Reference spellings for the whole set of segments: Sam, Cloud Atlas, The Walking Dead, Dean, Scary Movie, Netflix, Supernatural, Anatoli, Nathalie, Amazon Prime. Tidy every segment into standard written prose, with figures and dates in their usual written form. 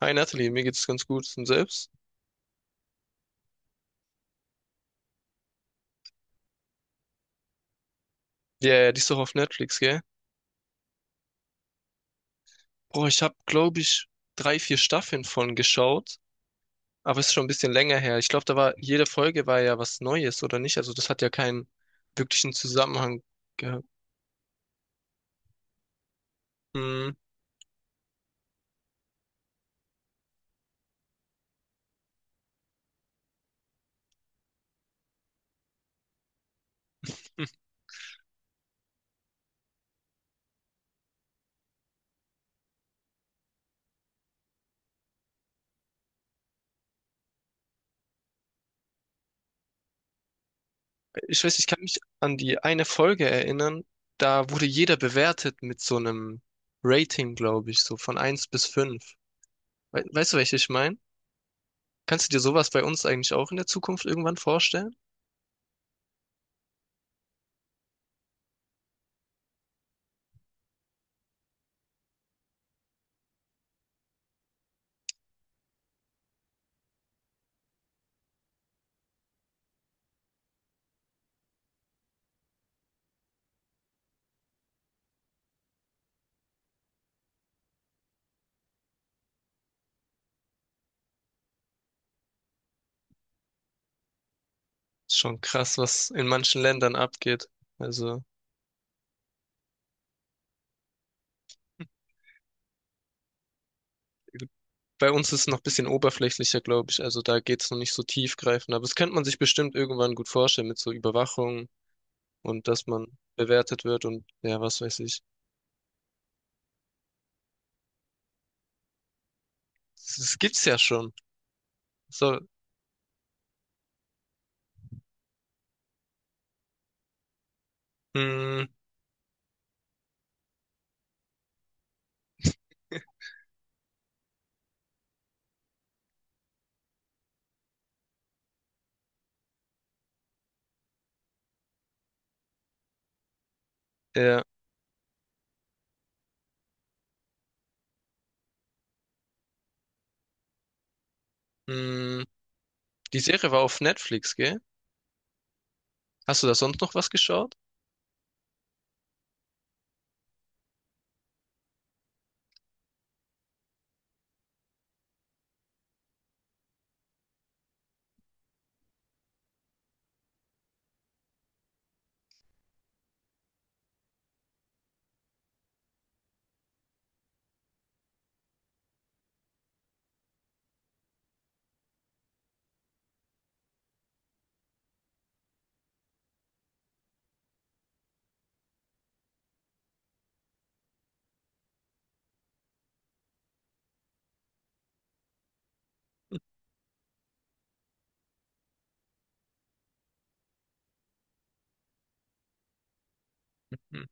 Hi Nathalie, mir geht's ganz gut und selbst. Ja, yeah, die ist doch auf Netflix, gell? Boah, ich habe, glaube ich, drei, vier Staffeln von geschaut, aber es ist schon ein bisschen länger her. Ich glaube, da war jede Folge war ja was Neues oder nicht. Also das hat ja keinen wirklichen Zusammenhang gehabt. Hm. Ich weiß, ich kann mich an die eine Folge erinnern. Da wurde jeder bewertet mit so einem Rating, glaube ich, so von eins bis 5. We Weißt du, welche ich meine? Kannst du dir sowas bei uns eigentlich auch in der Zukunft irgendwann vorstellen? Ist schon krass, was in manchen Ländern abgeht. Also, bei uns ist es noch ein bisschen oberflächlicher, glaube ich. Also da geht es noch nicht so tiefgreifend. Aber das könnte man sich bestimmt irgendwann gut vorstellen mit so Überwachung und dass man bewertet wird und ja, was weiß ich. Das, das gibt's ja schon. So, mh, ja, mh. Die Serie war auf Netflix, gell? Hast du da sonst noch was geschaut? Hm.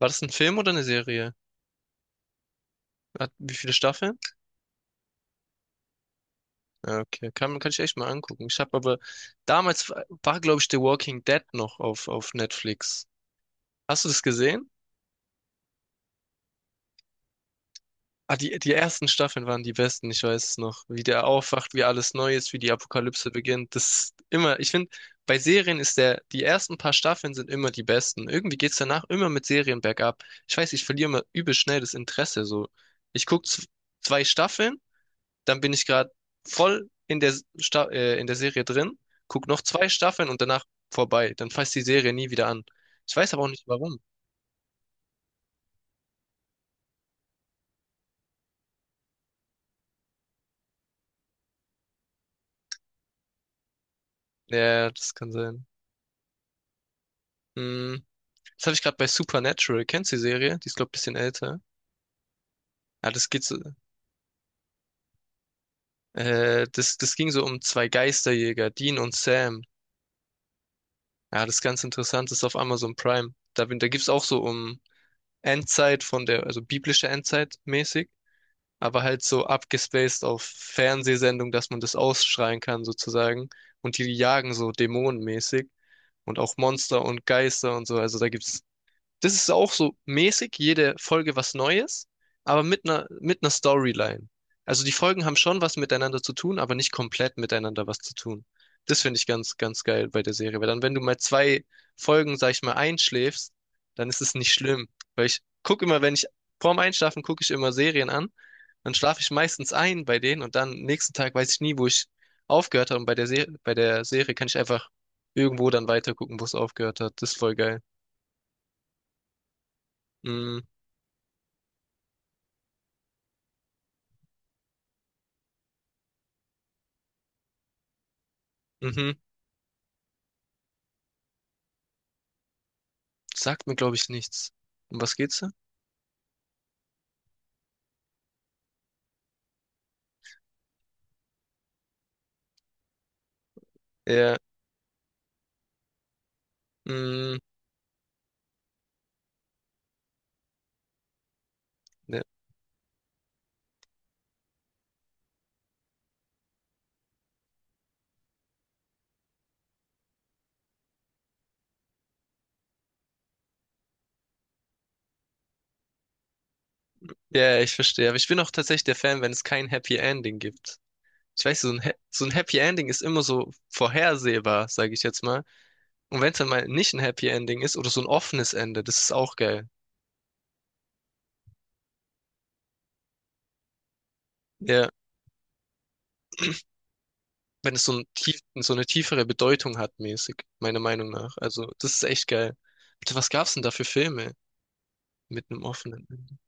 War das ein Film oder eine Serie? Hat, wie viele Staffeln? Ja, okay, kann ich echt mal angucken. Ich habe aber damals war, glaube ich, The Walking Dead noch auf Netflix. Hast du das gesehen? Ah, die, die ersten Staffeln waren die besten, ich weiß es noch. Wie der aufwacht, wie alles neu ist, wie die Apokalypse beginnt. Das ist immer, ich finde, bei Serien ist der, die ersten paar Staffeln sind immer die besten. Irgendwie geht's danach immer mit Serien bergab. Ich weiß, ich verliere immer übel schnell das Interesse, so. Ich gucke zwei Staffeln, dann bin ich gerade voll in der, Sta in der Serie drin, guck noch zwei Staffeln und danach vorbei. Dann fasst die Serie nie wieder an. Ich weiß aber auch nicht warum. Ja, das kann sein. Hm. Das habe ich gerade bei Supernatural. Kennst du die Serie? Die ist, glaube ich, ein bisschen älter. Ja, das geht so, das, das ging so um zwei Geisterjäger, Dean und Sam. Ja, das ist ganz interessant, das ist auf Amazon Prime. Da, da gibt's auch so um Endzeit von der, also biblische Endzeit mäßig, aber halt so abgespaced auf Fernsehsendung, dass man das ausschreien kann sozusagen. Und die jagen so dämonenmäßig und auch Monster und Geister und so. Also da gibt's. Das ist auch so mäßig, jede Folge was Neues, aber mit einer Storyline. Also die Folgen haben schon was miteinander zu tun, aber nicht komplett miteinander was zu tun. Das finde ich ganz, ganz geil bei der Serie, weil dann, wenn du mal zwei Folgen, sag ich mal, einschläfst, dann ist es nicht schlimm. Weil ich gucke immer, wenn ich vorm Einschlafen gucke ich immer Serien an, dann schlafe ich meistens ein bei denen und dann nächsten Tag weiß ich nie, wo ich aufgehört habe. Und bei der Serie kann ich einfach irgendwo dann weitergucken, wo es aufgehört hat. Das ist voll geil. Mm, mhm. Sagt mir, glaube ich, nichts. Um was geht's da? Ja, mm, ne. Ja, ja, ich verstehe. Aber ich bin auch tatsächlich der Fan, wenn es kein Happy Ending gibt. Ich weiß, so ein, so ein Happy Ending ist immer so vorhersehbar, sage ich jetzt mal. Und wenn es dann mal nicht ein Happy Ending ist oder so ein offenes Ende, das ist auch geil. Ja, wenn es so ein tief, so eine tiefere Bedeutung hat, mäßig, meiner Meinung nach. Also, das ist echt geil. Bitte, was gab's denn da für Filme mit einem offenen Ende?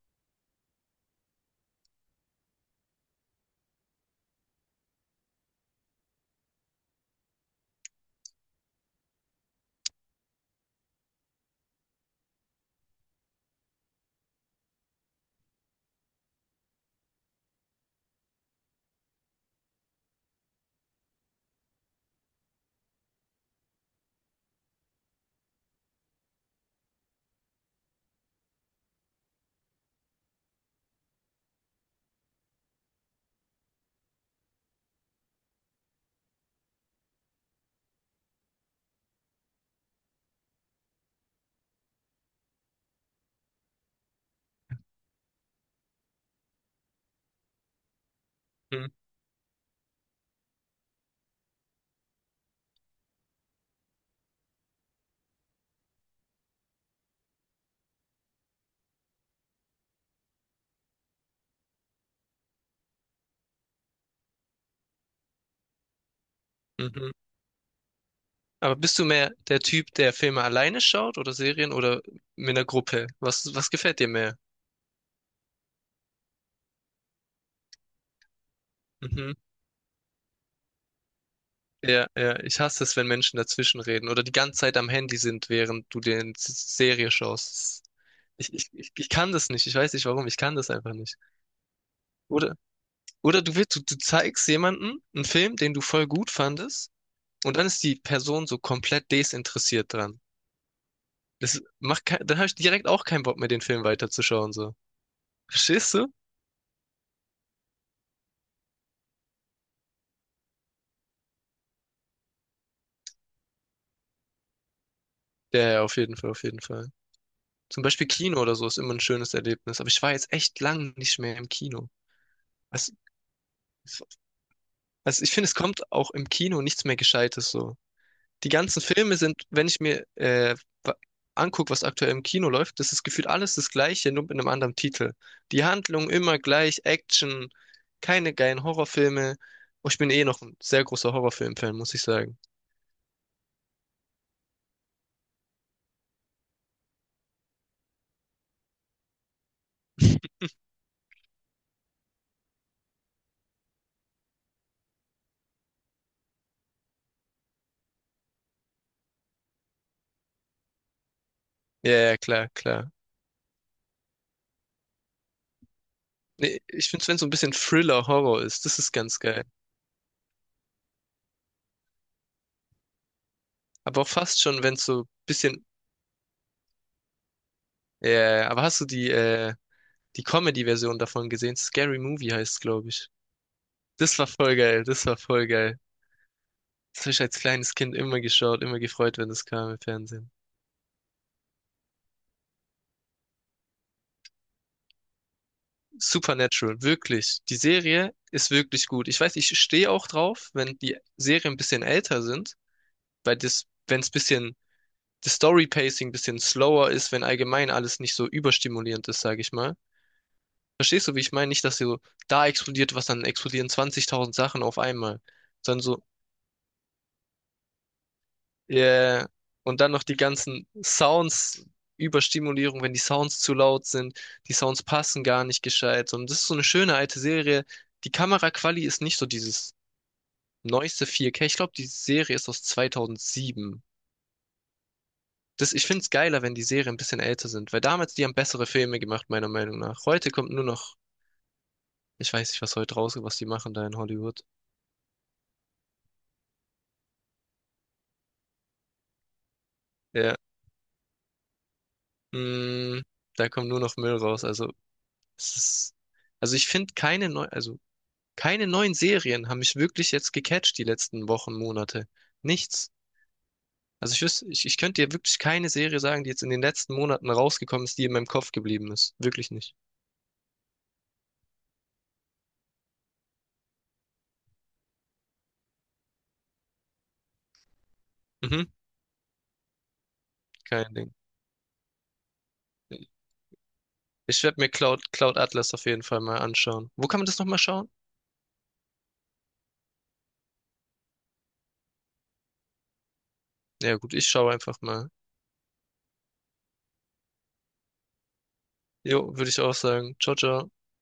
Hm, mhm. Aber bist du mehr der Typ, der Filme alleine schaut oder Serien oder mit einer Gruppe? Was, was gefällt dir mehr? Mhm. Ja, ja, ich hasse es, wenn Menschen dazwischen reden oder die ganze Zeit am Handy sind, während du dir eine Serie schaust. Ich kann das nicht. Ich weiß nicht warum. Ich kann das einfach nicht. Oder, oder du willst, du zeigst jemanden einen Film, den du voll gut fandest, und dann ist die Person so komplett desinteressiert dran. Das macht kein, dann habe ich direkt auch keinen Bock mehr, den Film weiterzuschauen, so. Verstehst du? Ja, ja, auf jeden Fall, auf jeden Fall. Zum Beispiel Kino oder so ist immer ein schönes Erlebnis. Aber ich war jetzt echt lang nicht mehr im Kino. Also, also ich finde, es kommt auch im Kino nichts mehr Gescheites so. Die ganzen Filme sind, wenn ich mir wa- anguck, was aktuell im Kino läuft, das ist gefühlt alles das Gleiche, nur mit einem anderen Titel. Die Handlung immer gleich, Action, keine geilen Horrorfilme. Oh, ich bin eh noch ein sehr großer Horrorfilm-Fan, muss ich sagen. Ja, ja, klar, klar. Nee, ich finde es, wenn es so ein bisschen Thriller-Horror ist, das ist ganz geil. Aber auch fast schon, wenn es so ein bisschen. Ja, ja, aber hast du die, die Comedy-Version davon gesehen? Scary Movie heißt es, glaube ich. Das war voll geil, das war voll geil. Das habe ich als kleines Kind immer geschaut, immer gefreut, wenn das kam im Fernsehen. Supernatural, wirklich. Die Serie ist wirklich gut. Ich weiß, ich stehe auch drauf, wenn die Serien ein bisschen älter sind, weil das, wenn es bisschen, das Story-Pacing ein bisschen slower ist, wenn allgemein alles nicht so überstimulierend ist, sage ich mal. Verstehst du, wie ich meine? Nicht, dass so da explodiert was, dann explodieren 20.000 Sachen auf einmal, sondern so. Yeah. Und dann noch die ganzen Sounds, Überstimulierung, wenn die Sounds zu laut sind, die Sounds passen gar nicht gescheit. Und das ist so eine schöne alte Serie. Die Kameraquali ist nicht so dieses neueste 4K. Ich glaube, die Serie ist aus 2007. Das, ich finde es geiler, wenn die Serien ein bisschen älter sind, weil damals die haben bessere Filme gemacht, meiner Meinung nach. Heute kommt nur noch, ich weiß nicht, was heute rauskommt, was die machen da in Hollywood. Ja. Mm, da kommt nur noch Müll raus. Also, es ist, also ich finde keine neu, also keine neuen Serien haben mich wirklich jetzt gecatcht die letzten Wochen, Monate. Nichts. Also ich wüsste, ich könnte dir wirklich keine Serie sagen, die jetzt in den letzten Monaten rausgekommen ist, die in meinem Kopf geblieben ist. Wirklich nicht. Mhm, kein Ding. Ich werde mir Cloud Atlas auf jeden Fall mal anschauen. Wo kann man das nochmal schauen? Ja gut, ich schaue einfach mal. Jo, würde ich auch sagen. Ciao, ciao.